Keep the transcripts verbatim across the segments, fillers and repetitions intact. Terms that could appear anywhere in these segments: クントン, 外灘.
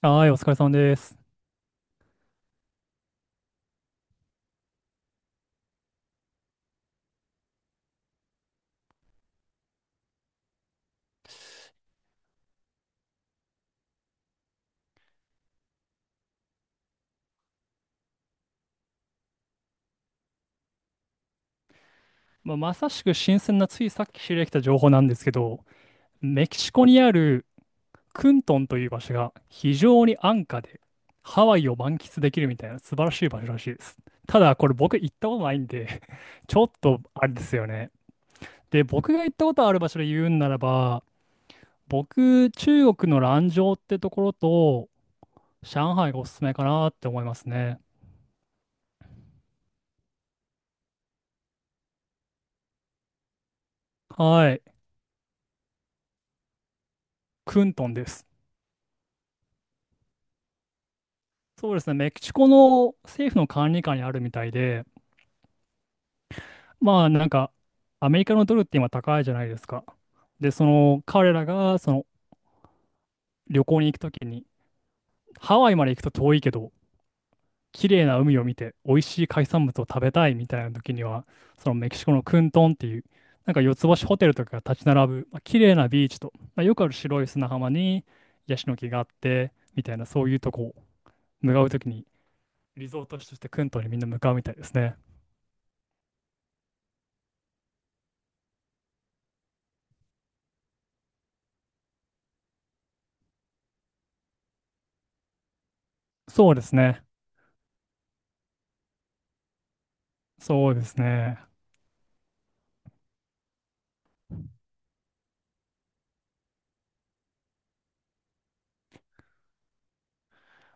はい、お疲れ様です。まあ、まさしく新鮮なついさっき知り合ってきた情報なんですけど、メキシコにあるクントンという場所が非常に安価でハワイを満喫できるみたいな素晴らしい場所らしいです。ただこれ僕行ったことないんで、ちょっとあれですよね。で、僕が行ったことある場所で言うんならば、僕、中国の蘭州ってところと上海がおすすめかなって思いますね。はい、クントンです。そうですね、メキシコの政府の管理下にあるみたいで、まあなんかアメリカのドルって今高いじゃないですか。で、その彼らがその旅行に行くときに、ハワイまで行くと遠いけど、綺麗な海を見て美味しい海産物を食べたいみたいなときには、そのメキシコのクントンっていう、なんか四つ星ホテルとかが立ち並ぶ、まあ、綺麗なビーチと、まあ、よくある白い砂浜にヤシの木があって、みたいなそういうとこを向かうときに、リゾート地としてクントンにみんな向かうみたいですね。そうですね。そうですね。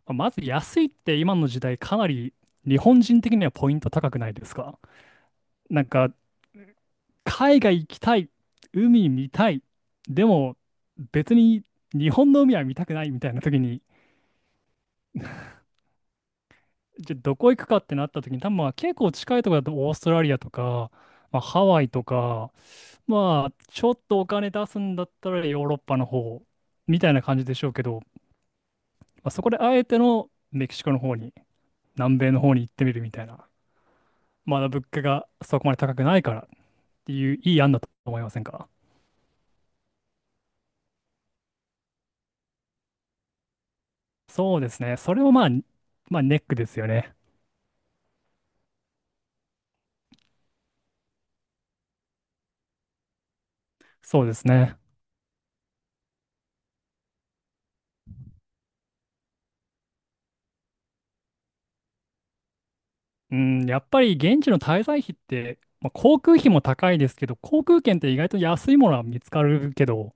まず安いって今の時代かなり日本人的にはポイント高くないですか？なんか海外行きたい、海見たい、でも別に日本の海は見たくないみたいな時に、じゃあどこ行くかってなった時に多分まあ結構近いところだとオーストラリアとか、まあ、ハワイとか、まあちょっとお金出すんだったらヨーロッパの方みたいな感じでしょうけど、まあ、そこであえてのメキシコの方に、南米の方に行ってみるみたいな。まだ物価がそこまで高くないからっていういい案だと思いませんか？そうですね。それもまあ、まあネックですよね。そうですね。うん、やっぱり現地の滞在費って、まあ、航空費も高いですけど、航空券って意外と安いものは見つかるけど、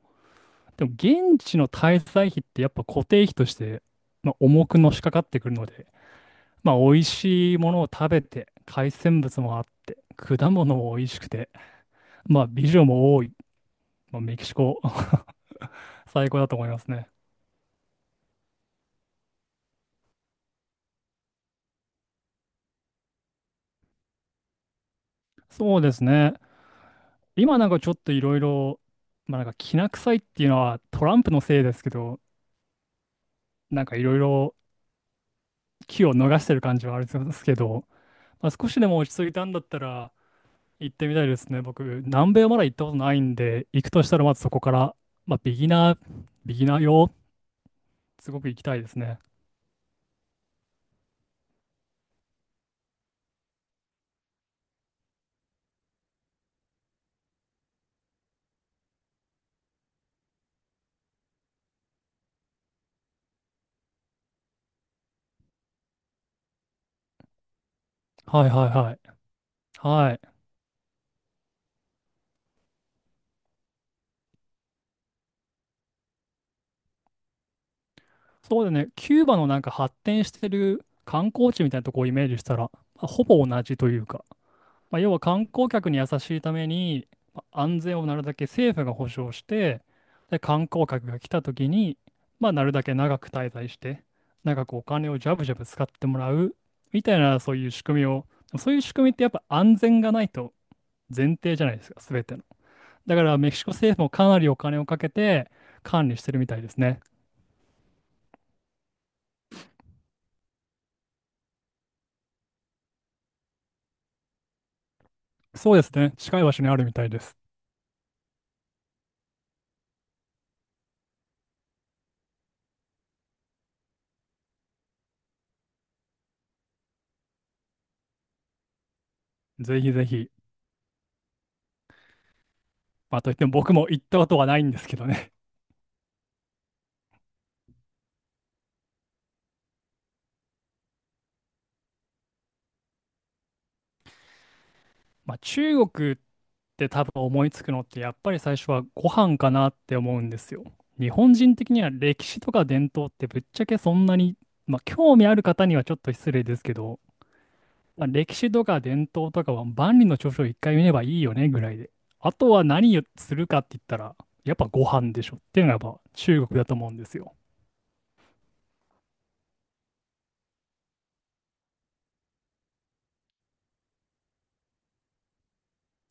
でも現地の滞在費ってやっぱ固定費として、まあ、重くのしかかってくるので、まあ美味しいものを食べて、海鮮物もあって、果物も美味しくて、まあ美女も多い、まあ、メキシコ 最高だと思いますね。そうですね。今なんかちょっといろいろ、まあなんかきな臭いっていうのはトランプのせいですけど、なんかいろいろ機を逃してる感じはあるんですけど、まあ、少しでも落ち着いたんだったら行ってみたいですね。僕、南米はまだ行ったことないんで、行くとしたらまずそこから、まあビギナー、ビギナー用、すごく行きたいですね。はいはいはい。はい。そうだね、キューバのなんか発展してる観光地みたいなとこをイメージしたら、まあほぼ同じというか、まあ、要は観光客に優しいために、まあ安全をなるだけ政府が保障して、で、観光客が来た時に、まあ、なるだけ長く滞在して、長くお金をジャブジャブ使ってもらう、みたいな、そういう仕組みを、そういう仕組みってやっぱ安全がないと前提じゃないですか、すべての。だから、メキシコ政府もかなりお金をかけて管理してるみたいですね。そうですね、近い場所にあるみたいです。ぜひぜひ。まあ、といっても僕も行ったことはないんですけどね。まあ、中国って多分思いつくのってやっぱり最初はご飯かなって思うんですよ。日本人的には歴史とか伝統ってぶっちゃけそんなに、まあ、興味ある方にはちょっと失礼ですけど、まあ、歴史とか伝統とかは万里の長城一回見ればいいよねぐらいで。あとは何をするかって言ったらやっぱご飯でしょっていうのがやっぱ中国だと思うんですよ。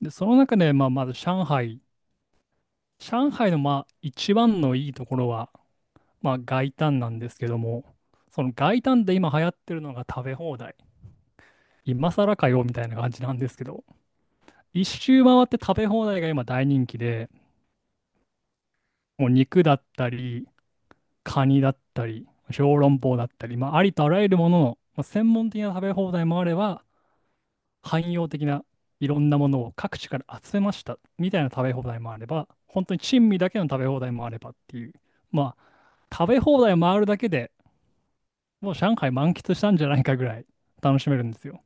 で、その中で、まあ、まず上海。上海のまあ一番のいいところは、まあ、外灘なんですけども、その外灘で今流行ってるのが食べ放題。今更かよみたいな感じなんですけど、一周回って食べ放題が今大人気で、もう肉だったり、カニだったり、小籠包だったり、まあ、ありとあらゆるものの、まあ、専門的な食べ放題もあれば、汎用的ないろんなものを各地から集めましたみたいな食べ放題もあれば、本当に珍味だけの食べ放題もあればっていう、まあ、食べ放題回るだけでもう上海満喫したんじゃないかぐらい楽しめるんですよ。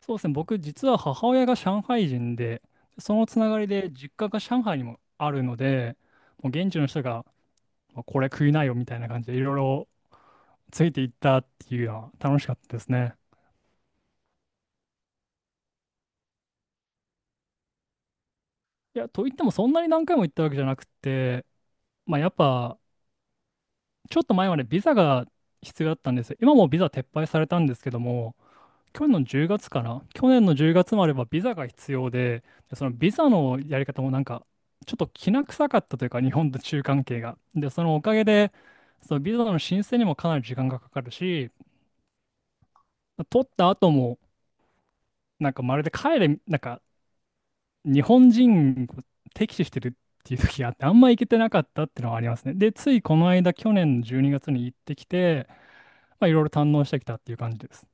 そうですね、僕実は母親が上海人で、そのつながりで実家が上海にもあるので、もう現地の人がまあこれ食いなよみたいな感じでいろいろついていったっていうのは楽しかったですね。いや、と言ってもそんなに何回も行ったわけじゃなくて、まあやっぱちょっと前までビザが必要だったんですよ。今もビザ撤廃されたんですけども、去年のじゅうがつかな、去年のじゅうがつまではビザが必要で、でそのビザのやり方もなんか、ちょっときな臭かったというか、日本と中関係が。で、そのおかげで、そのビザの申請にもかなり時間がかかるし、取った後も、なんかまるで帰れ、なんか日本人を敵視してるっていう時があって、あんま行けてなかったっていうのはありますね。で、ついこの間、去年のじゅうにがつにがつに行ってきて、まあ、いろいろ堪能してきたっていう感じです。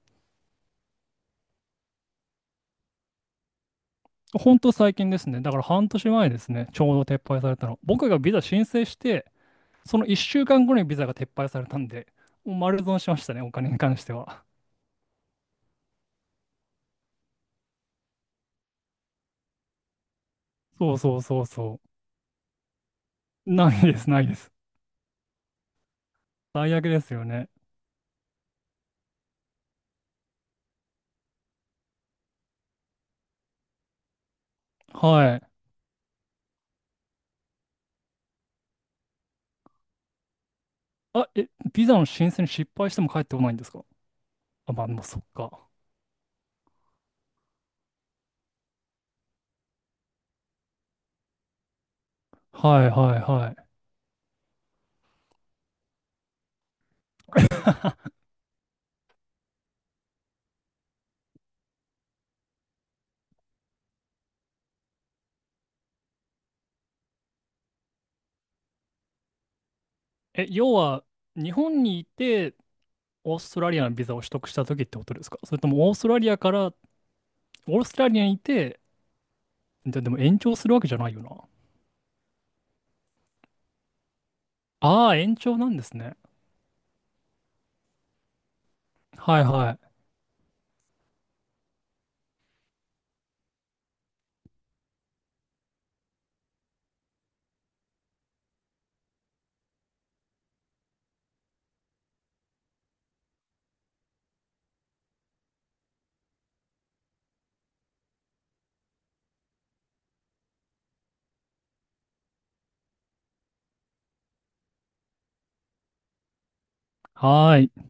本当最近ですね。だから半年前ですね。ちょうど撤廃されたの。僕がビザ申請して、そのいっしゅうかんごにビザが撤廃されたんで、もう丸損しましたね、お金に関しては。そうそうそうそう。ないです、ないです。最悪ですよね。はい。あ、え、ビザの申請に失敗しても帰ってこないんですか？あ、まあ、まあそっか。はいはいはい。え、要は、日本にいて、オーストラリアのビザを取得した時ってことですか？それともオーストラリアから、オーストラリアにいて、で、でも延長するわけじゃないよな。ああ、延長なんですね。はいはい。はーい。